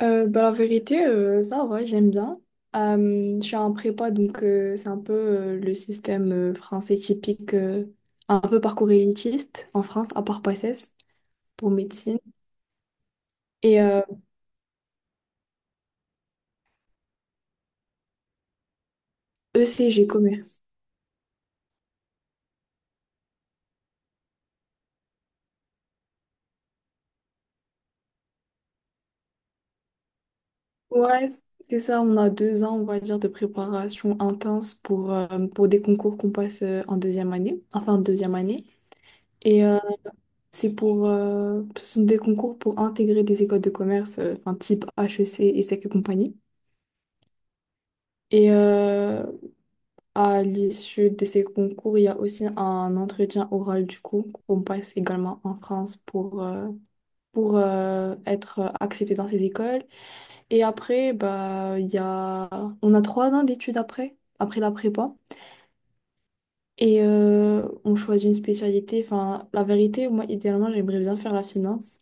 Bah, la vérité, ça va, j'aime bien. Je suis en prépa, donc c'est un peu le système français typique, un peu parcours élitiste en France, à part PACES pour médecine, et ECG commerce. Ouais, c'est ça, on a 2 ans, on va dire, de préparation intense pour des concours qu'on passe en deuxième année, enfin en deuxième année. Et c'est pour, ce sont des concours pour intégrer des écoles de commerce, enfin type HEC, ESSEC et compagnie. Et, à l'issue de ces concours, il y a aussi un entretien oral du coup qu'on passe également en France pour, être accepté dans ces écoles. Et après, bah, on a 3 ans d'études après, après la prépa. Et on choisit une spécialité. Enfin, la vérité, moi, idéalement, j'aimerais bien faire la finance.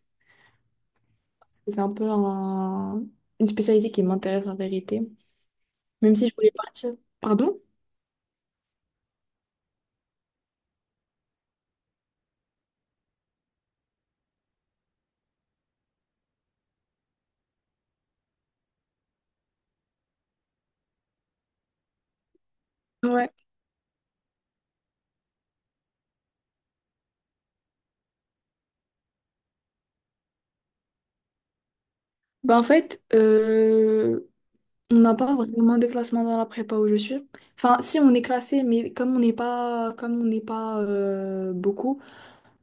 Parce que c'est un peu une spécialité qui m'intéresse, la vérité. Même si je voulais partir. Pardon? Ouais. Bah en fait, on n'a pas vraiment de classement dans la prépa où je suis. Enfin, si on est classé, mais comme on n'est pas beaucoup,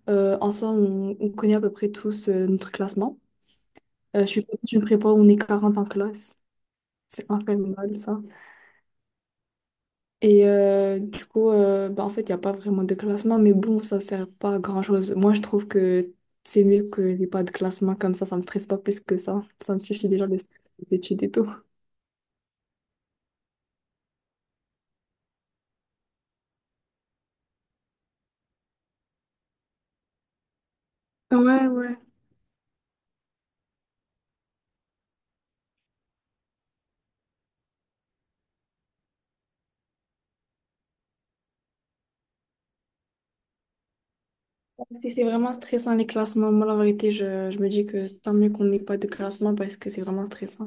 en soi, on connaît à peu près tous notre classement. Je suis pas dans une prépa où on est 40 en classe. C'est infernal, ça. Et du coup, bah, en fait, il n'y a pas vraiment de classement, mais bon, ça sert pas à grand-chose. Moi, je trouve que c'est mieux que n'y ait pas de classement comme ça. Ça me stresse pas plus que ça. Ça me suffit déjà le stress des études et tout. Ouais, ouais. C'est vraiment stressant les classements. Moi, la vérité, je me dis que tant mieux qu'on n'ait pas de classement parce que c'est vraiment stressant.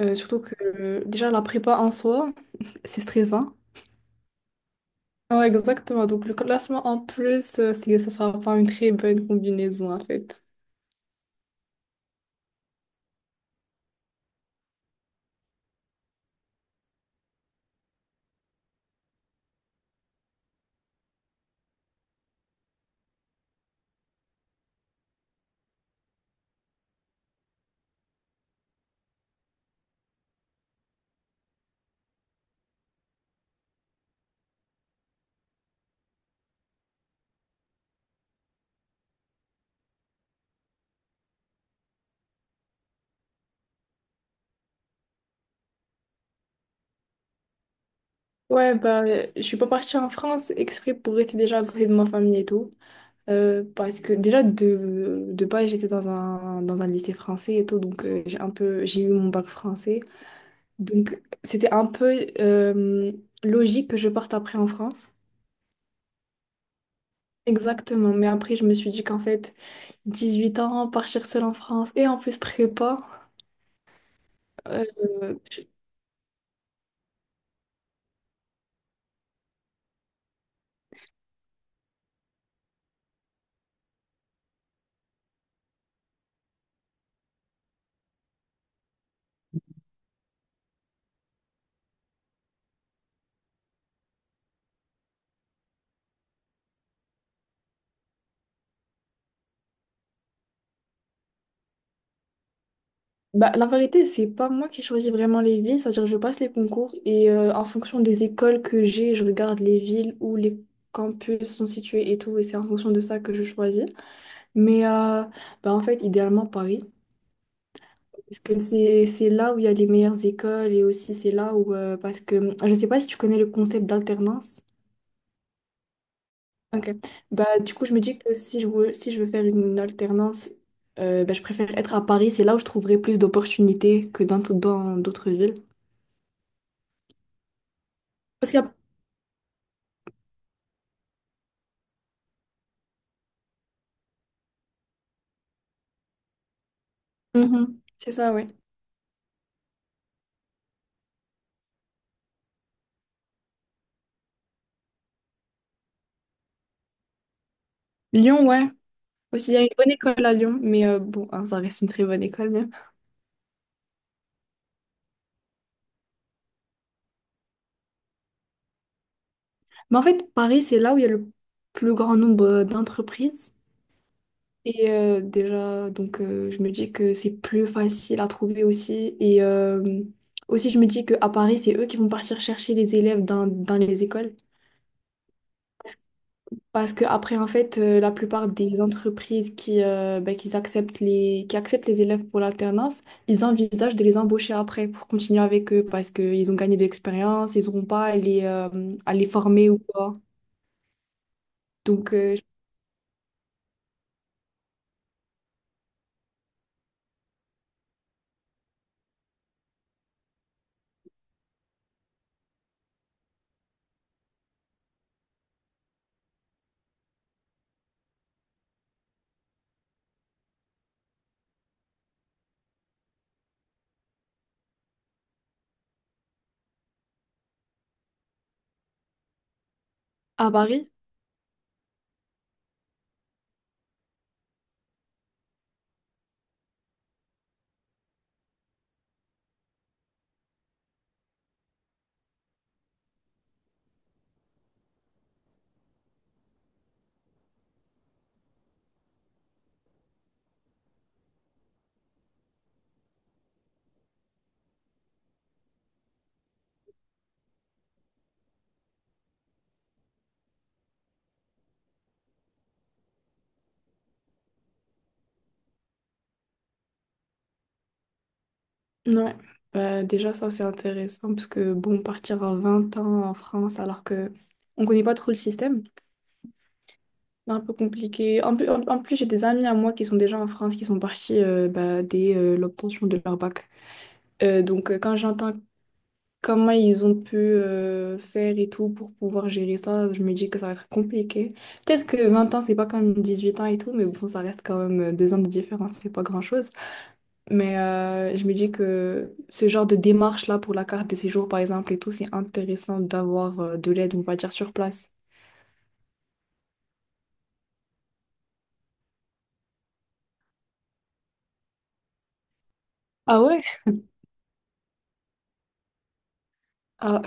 Surtout que déjà la prépa en soi, c'est stressant. Ouais, exactement. Donc le classement en plus, ça sera pas une très bonne combinaison en fait. Ouais, bah, je suis pas partie en France exprès pour rester déjà à côté de ma famille et tout. Parce que déjà de base j'étais dans dans un lycée français et tout, donc j'ai un peu j'ai eu mon bac français, donc c'était un peu logique que je parte après en France, exactement. Mais après je me suis dit qu'en fait 18 ans partir seule en France et en plus prépa, euh, je- bah, la vérité, c'est pas moi qui choisis vraiment les villes, c'est-à-dire je passe les concours et en fonction des écoles que j'ai je regarde les villes où les campus sont situés et tout, et c'est en fonction de ça que je choisis. Mais bah en fait, idéalement Paris, parce que c'est là où il y a les meilleures écoles et aussi c'est là où, parce que je ne sais pas si tu connais le concept d'alternance. Ok. Bah, du coup, je me dis que si je veux faire une alternance, bah, je préfère être à Paris, c'est là où je trouverai plus d'opportunités que dans d'autres villes. Parce qu'il y a- Mhm. C'est ça, ouais. Lyon, ouais. Aussi, il y a une bonne école à Lyon, mais bon, hein, ça reste une très bonne école même. Mais en fait, Paris, c'est là où il y a le plus grand nombre d'entreprises. Et déjà, donc je me dis que c'est plus facile à trouver aussi. Et aussi, je me dis qu'à Paris, c'est eux qui vont partir chercher les élèves dans les écoles. Parce que après, en fait, la plupart des entreprises ben, qui acceptent les élèves pour l'alternance, ils envisagent de les embaucher après pour continuer avec eux parce qu'ils ont gagné de l'expérience, ils n'auront pas à les, à les former ou quoi. Donc, à Paris. Ouais, bah, déjà ça c'est intéressant parce que bon, partir à 20 ans en France alors que on connaît pas trop le système, c'est un peu compliqué. En plus, en plus j'ai des amis à moi qui sont déjà en France, qui sont partis bah, dès l'obtention de leur bac. Donc quand j'entends comment ils ont pu faire et tout pour pouvoir gérer ça, je me dis que ça va être compliqué. Peut-être que 20 ans c'est pas comme 8 ans et tout, mais bon, ça reste quand même 2 ans de différence, c'est pas grand-chose. Mais je me dis que ce genre de démarche-là pour la carte de séjour, par exemple, et tout, c'est intéressant d'avoir de l'aide, on va dire, sur place. Ah ouais? Ah,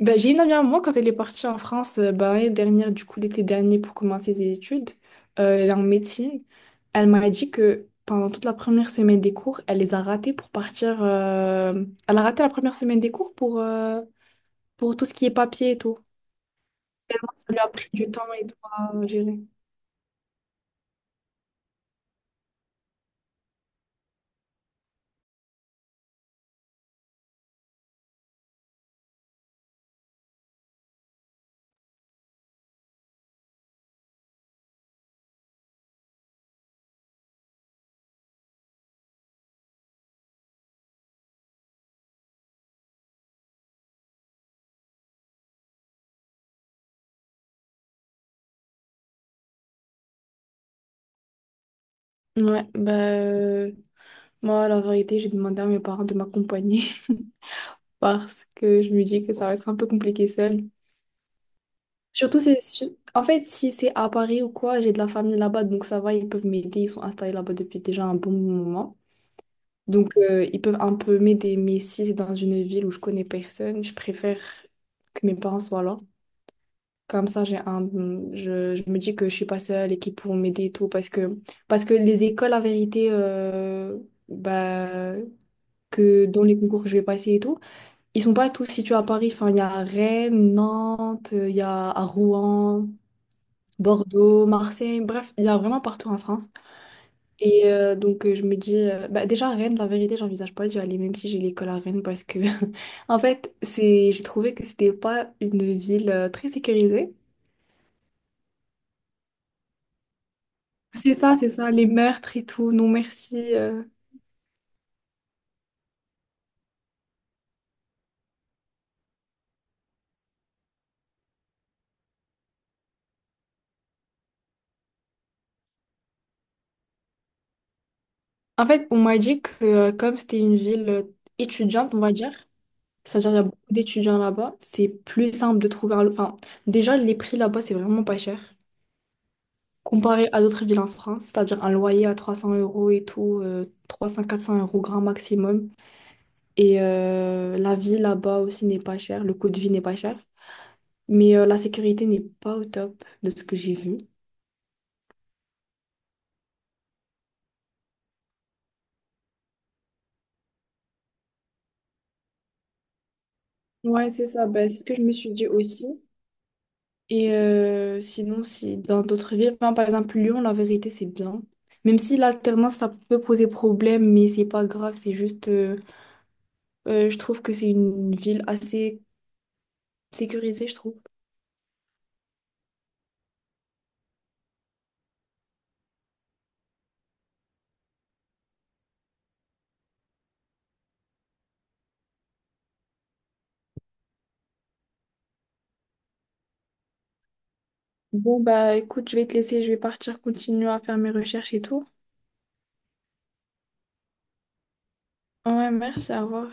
ben, j'ai une amie à moi, quand elle est partie en France, ben, l'année dernière, du coup, l'été dernier, pour commencer ses études, elle est en médecine. Elle m'a dit que pendant toute la première semaine des cours, elle les a ratés pour partir... elle a raté la première semaine des cours pour tout ce qui est papier et tout. Tellement ça lui a pris du temps et tout à gérer. Ouais, bah... Moi, la vérité, j'ai demandé à mes parents de m'accompagner parce que je me dis que ça va être un peu compliqué seule. En fait, si c'est à Paris ou quoi, j'ai de la famille là-bas, donc ça va, ils peuvent m'aider. Ils sont installés là-bas depuis déjà un bon moment. Donc, ils peuvent un peu m'aider. Mais si c'est dans une ville où je connais personne, je préfère que mes parents soient là. Comme ça, je me dis que je suis pas seule et qu'ils pourront m'aider et tout. Parce que les écoles, la vérité, bah, que dans les concours que je vais passer et tout, ils sont pas tous situés à Paris. Enfin, il y a Rennes, Nantes, il y a à Rouen, Bordeaux, Marseille. Bref, il y a vraiment partout en France. Et donc, je me dis, bah, déjà, Rennes, la vérité, j'envisage pas d'y aller, même si j'ai l'école à Rennes, parce que, en fait, j'ai trouvé que c'était pas une ville très sécurisée. C'est ça, les meurtres et tout. Non, merci. En fait, on m'a dit que, comme c'était une ville étudiante, on va dire, c'est-à-dire, il y a beaucoup d'étudiants là-bas. C'est plus simple de trouver enfin, déjà, les prix là-bas, c'est vraiment pas cher. Comparé à d'autres villes en France, c'est-à-dire un loyer à 300 € et tout, 300-400 € grand maximum. Et la vie là-bas aussi n'est pas chère, le coût de vie n'est pas cher. Mais la sécurité n'est pas au top de ce que j'ai vu. Ouais, c'est ça. Ben, c'est ce que je me suis dit aussi. Et sinon, si dans d'autres villes, enfin, par exemple Lyon, la vérité, c'est bien. Même si l'alternance, ça peut poser problème, mais c'est pas grave, je trouve que c'est une ville assez sécurisée, je trouve. Bon, bah écoute, je vais te laisser, je vais partir continuer à faire mes recherches et tout. Ouais, merci, à revoir.